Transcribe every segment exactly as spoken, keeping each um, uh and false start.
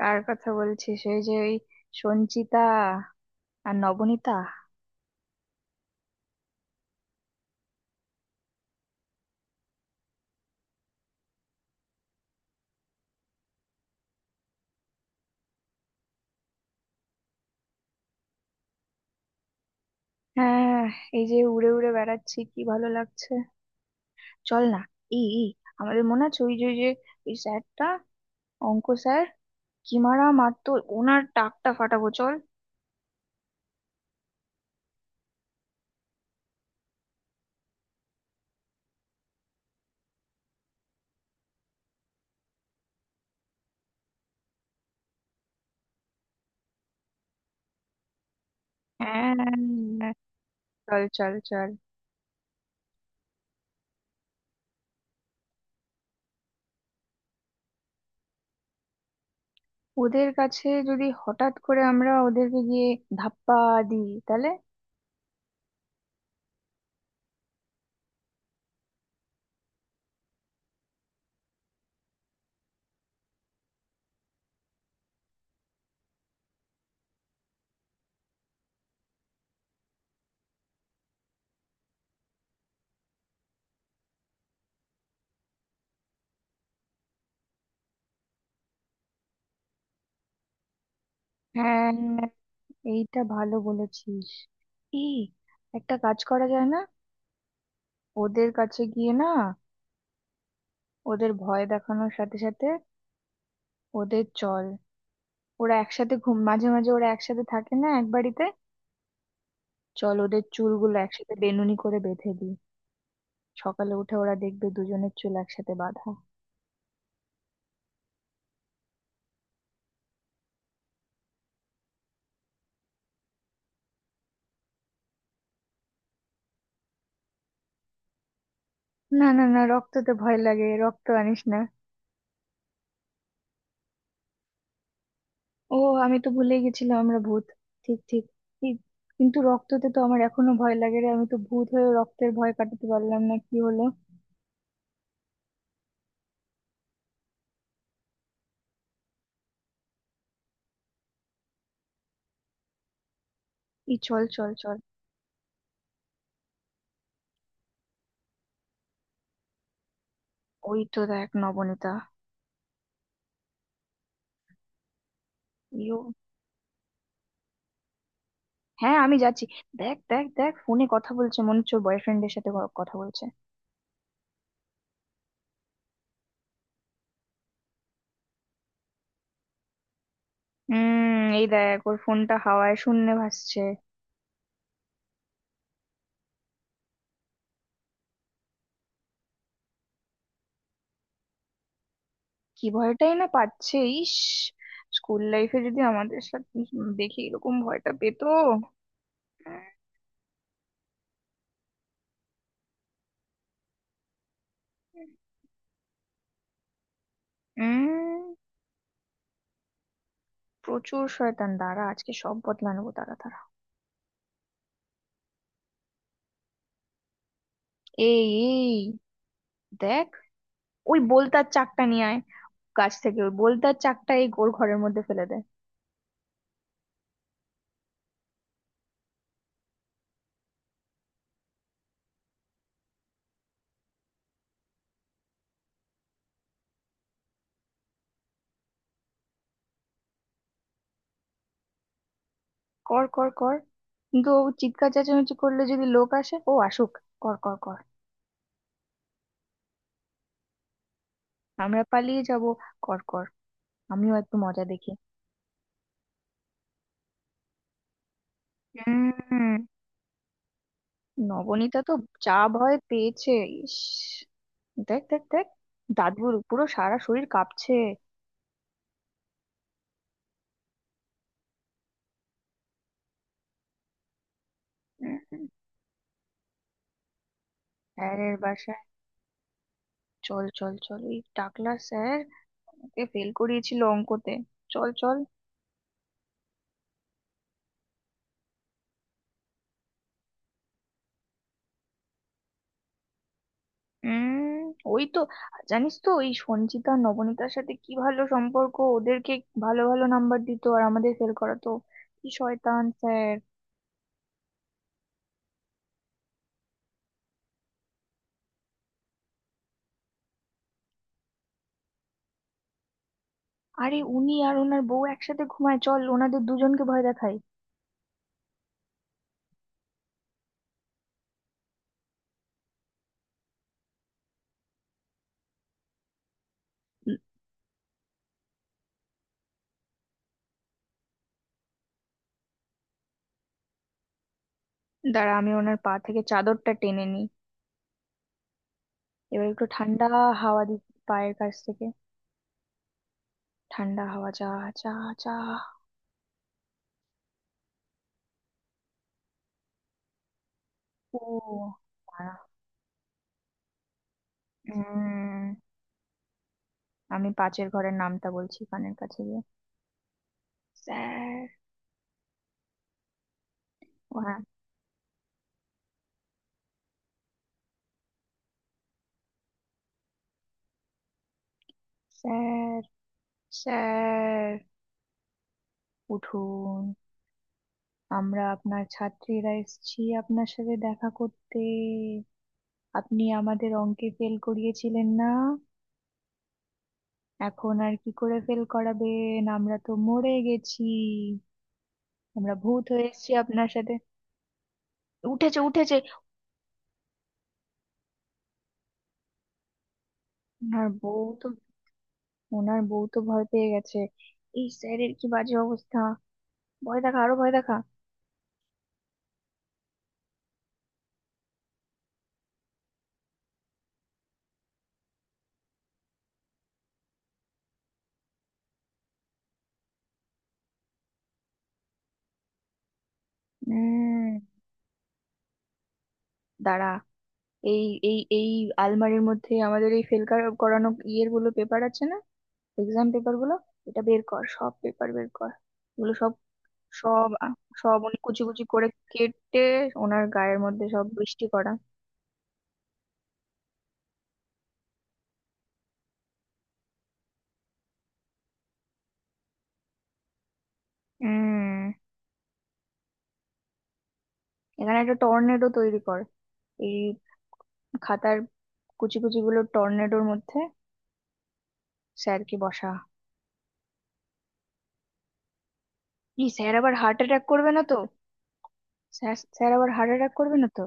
কার কথা বলছিস? এই যে ওই সঞ্চিতা আর নবনীতা। হ্যাঁ, এই যে উড়ে উড়ে বেড়াচ্ছি, কি ভালো লাগছে। চল না। ই ই, আমাদের মনে আছে ওই যে ওই যে ওই স্যারটা, অঙ্ক স্যার, কি মারা মারতো। ওনার টাকটা ফাটাবো, চল। হ্যাঁ, চল চল চল। ওদের কাছে যদি হঠাৎ করে আমরা ওদেরকে গিয়ে ধাপ্পা দিই, তাহলে? হ্যাঁ, এইটা ভালো বলেছিস। ই একটা কাজ করা যায় না? ওদের কাছে গিয়ে না, ওদের ভয় দেখানোর সাথে সাথে ওদের, চল। ওরা একসাথে ঘুম, মাঝে মাঝে ওরা একসাথে থাকে না এক বাড়িতে। চল, ওদের চুলগুলো একসাথে বেনুনি করে বেঁধে দিই। সকালে উঠে ওরা দেখবে দুজনের চুল একসাথে বাঁধা। না না না, রক্ততে ভয় লাগে, রক্ত আনিস না। ও, আমি তো ভুলে গেছিলাম আমরা ভূত। ঠিক ঠিক ঠিক। কিন্তু রক্ততে তো আমার এখনো ভয় লাগে রে। আমি তো ভূত হয়ে রক্তের ভয় কাটাতে পারলাম না, কি হলো। এই চল চল চল। ওই তো দেখ নবনীতা। ইউ হ্যাঁ, আমি যাচ্ছি। দেখ দেখ দেখ, ফোনে কথা বলছে, মনে হচ্ছে ওর বয়ফ্রেন্ডের সাথে ক- কথা বলছে। হুম, এই দেখ ওর ফোনটা হাওয়ায় শূন্যে ভাসছে। কি ভয়টাই না পাচ্ছে। ইস, স্কুল লাইফে যদি আমাদের সাথে দেখি এরকম ভয়টা পেতো। উম প্রচুর শয়তান। দাঁড়া, আজকে সব বদলা নেবো। দাঁড়া দাঁড়া। এই, এই দেখ, ওই বোলতার চাকটা নিয়ে আয়। গাছ থেকে ওই বোলতার চাকটা এই গোর ঘরের মধ্যে ফেলে দে। কর কর কর। কিন্তু ও চিৎকার চেঁচামেচি করলে যদি লোক আসে, ও আসুক। কর কর কর। আমরা পালিয়ে যাব। কর কর, আমিও একটু মজা দেখি। হুম, নবনীতা তো যা ভয় পেয়েছে। ইস, দেখ দেখ দেখ, দাদুর পুরো সারা শরীর কাঁপছে। হুম, হুম। স্যারের বাসায়? চল চল চল, ওই টাকলা স্যার ওকে ফেল করিয়েছিল অঙ্কতে। চল চল। উম ওই তো, জানিস তো ওই সঞ্চিতা নবনীতার সাথে কি ভালো সম্পর্ক। ওদেরকে ভালো ভালো নাম্বার দিত আর আমাদের ফেল করাতো। কি শয়তান স্যার। আরে উনি আর ওনার বউ একসাথে ঘুমায়, চল ওনাদের দুজনকে ভয় দেখাই। উম, দাঁড়া, আমি ওনার পা থেকে চাদরটা টেনে নিই। এবার একটু ঠান্ডা হাওয়া দি পায়ের কাছ থেকে। ঠান্ডা হাওয়া, চা চা চা। ও দাঁড়া, উম আমি পাঁচের ঘরের নামটা বলছি কানের কাছে গিয়ে। স্যার! ও হ্যাঁ। স্যার, স্যার উঠুন, আমরা আপনার ছাত্রীরা এসেছি আপনার সাথে দেখা করতে। আপনি আমাদের অঙ্কে ফেল করিয়েছিলেন না? এখন আর কি করে ফেল করাবেন, আমরা তো মরে গেছি। আমরা ভূত হয়ে এসেছি আপনার সাথে। উঠেছে উঠেছে। ওনার বউ তো ওনার বউ তো ভয় পেয়ে গেছে। এই স্যারের কি বাজে অবস্থা। ভয় দেখা, আরো ভয় দেখা। উম দাঁড়া, এই এই এই আলমারির মধ্যে আমাদের এই ফেল করানো ইয়ের গুলো পেপার আছে না, এক্সাম পেপার গুলো, এটা বের কর, সব পেপার বের কর। এগুলো সব, সব আ- সব অনেক কুচি কুচি করে কেটে ওনার গায়ের মধ্যে সব বৃষ্টি করা। হুম, এখানে একটা টর্নেডো তৈরি কর। এই খাতার কুচি কুচি গুলো টর্নেডোর মধ্যে, স্যারকে বসা। কি স্যার আবার হার্ট অ্যাটাক করবে না তো? স্যার, স্যার আবার হার্ট অ্যাটাক করবে না তো?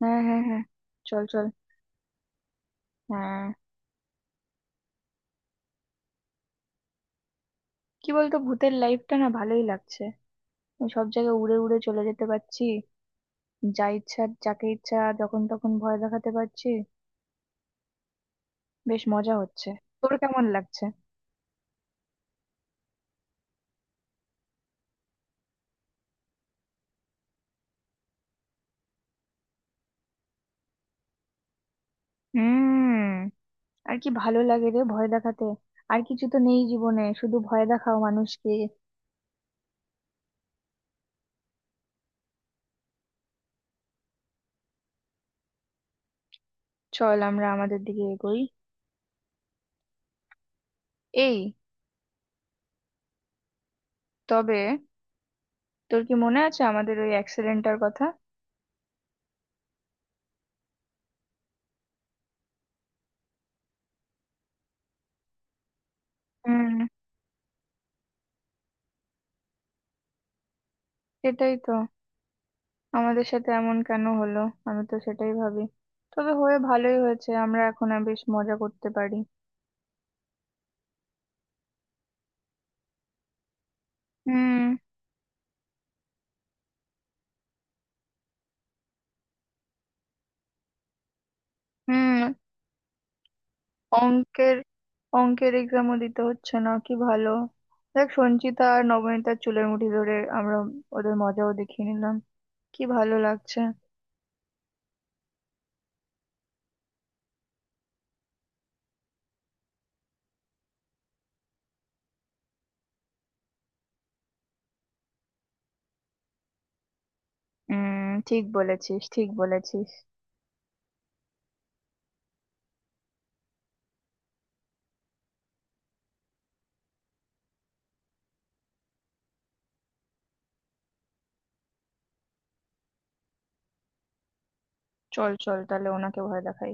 হ্যাঁ হ্যাঁ হ্যাঁ, চল চল। হ্যাঁ। কি বলতো, ভূতের লাইফটা না ভালোই লাগছে। আমি সব জায়গায় উড়ে উড়ে চলে যেতে পারছি। যা ইচ্ছা, যাকে ইচ্ছা, যখন তখন ভয় দেখাতে পারছি। বেশ মজা হচ্ছে। তোর কেমন লাগছে? হুম, আর কি ভালো লাগে রে ভয় দেখাতে। আর কিছু তো নেই জীবনে, শুধু ভয় দেখাও মানুষকে। চল, আমরা আমাদের দিকে এগোই। এই, তবে তোর কি মনে আছে আমাদের ওই অ্যাক্সিডেন্টটার কথা? হুম, সেটাই তো। আমাদের সাথে এমন কেন হলো, আমি তো সেটাই ভাবি। তবে হয়ে ভালোই হয়েছে, আমরা এখন আর বেশ মজা করতে পারি। হুম হুম। অঙ্কের, অঙ্কের এক্সামও দিতে হচ্ছে না, কি ভালো। দেখ সঞ্চিতা আর নবনীতার চুলের মুঠি ধরে আমরা ওদের মজাও দেখিয়ে নিলাম, কি ভালো লাগছে। উম ঠিক বলেছিস, ঠিক বলেছিস। চল চল, তাহলে ওনাকে ভয় দেখাই।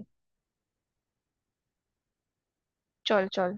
চল চল।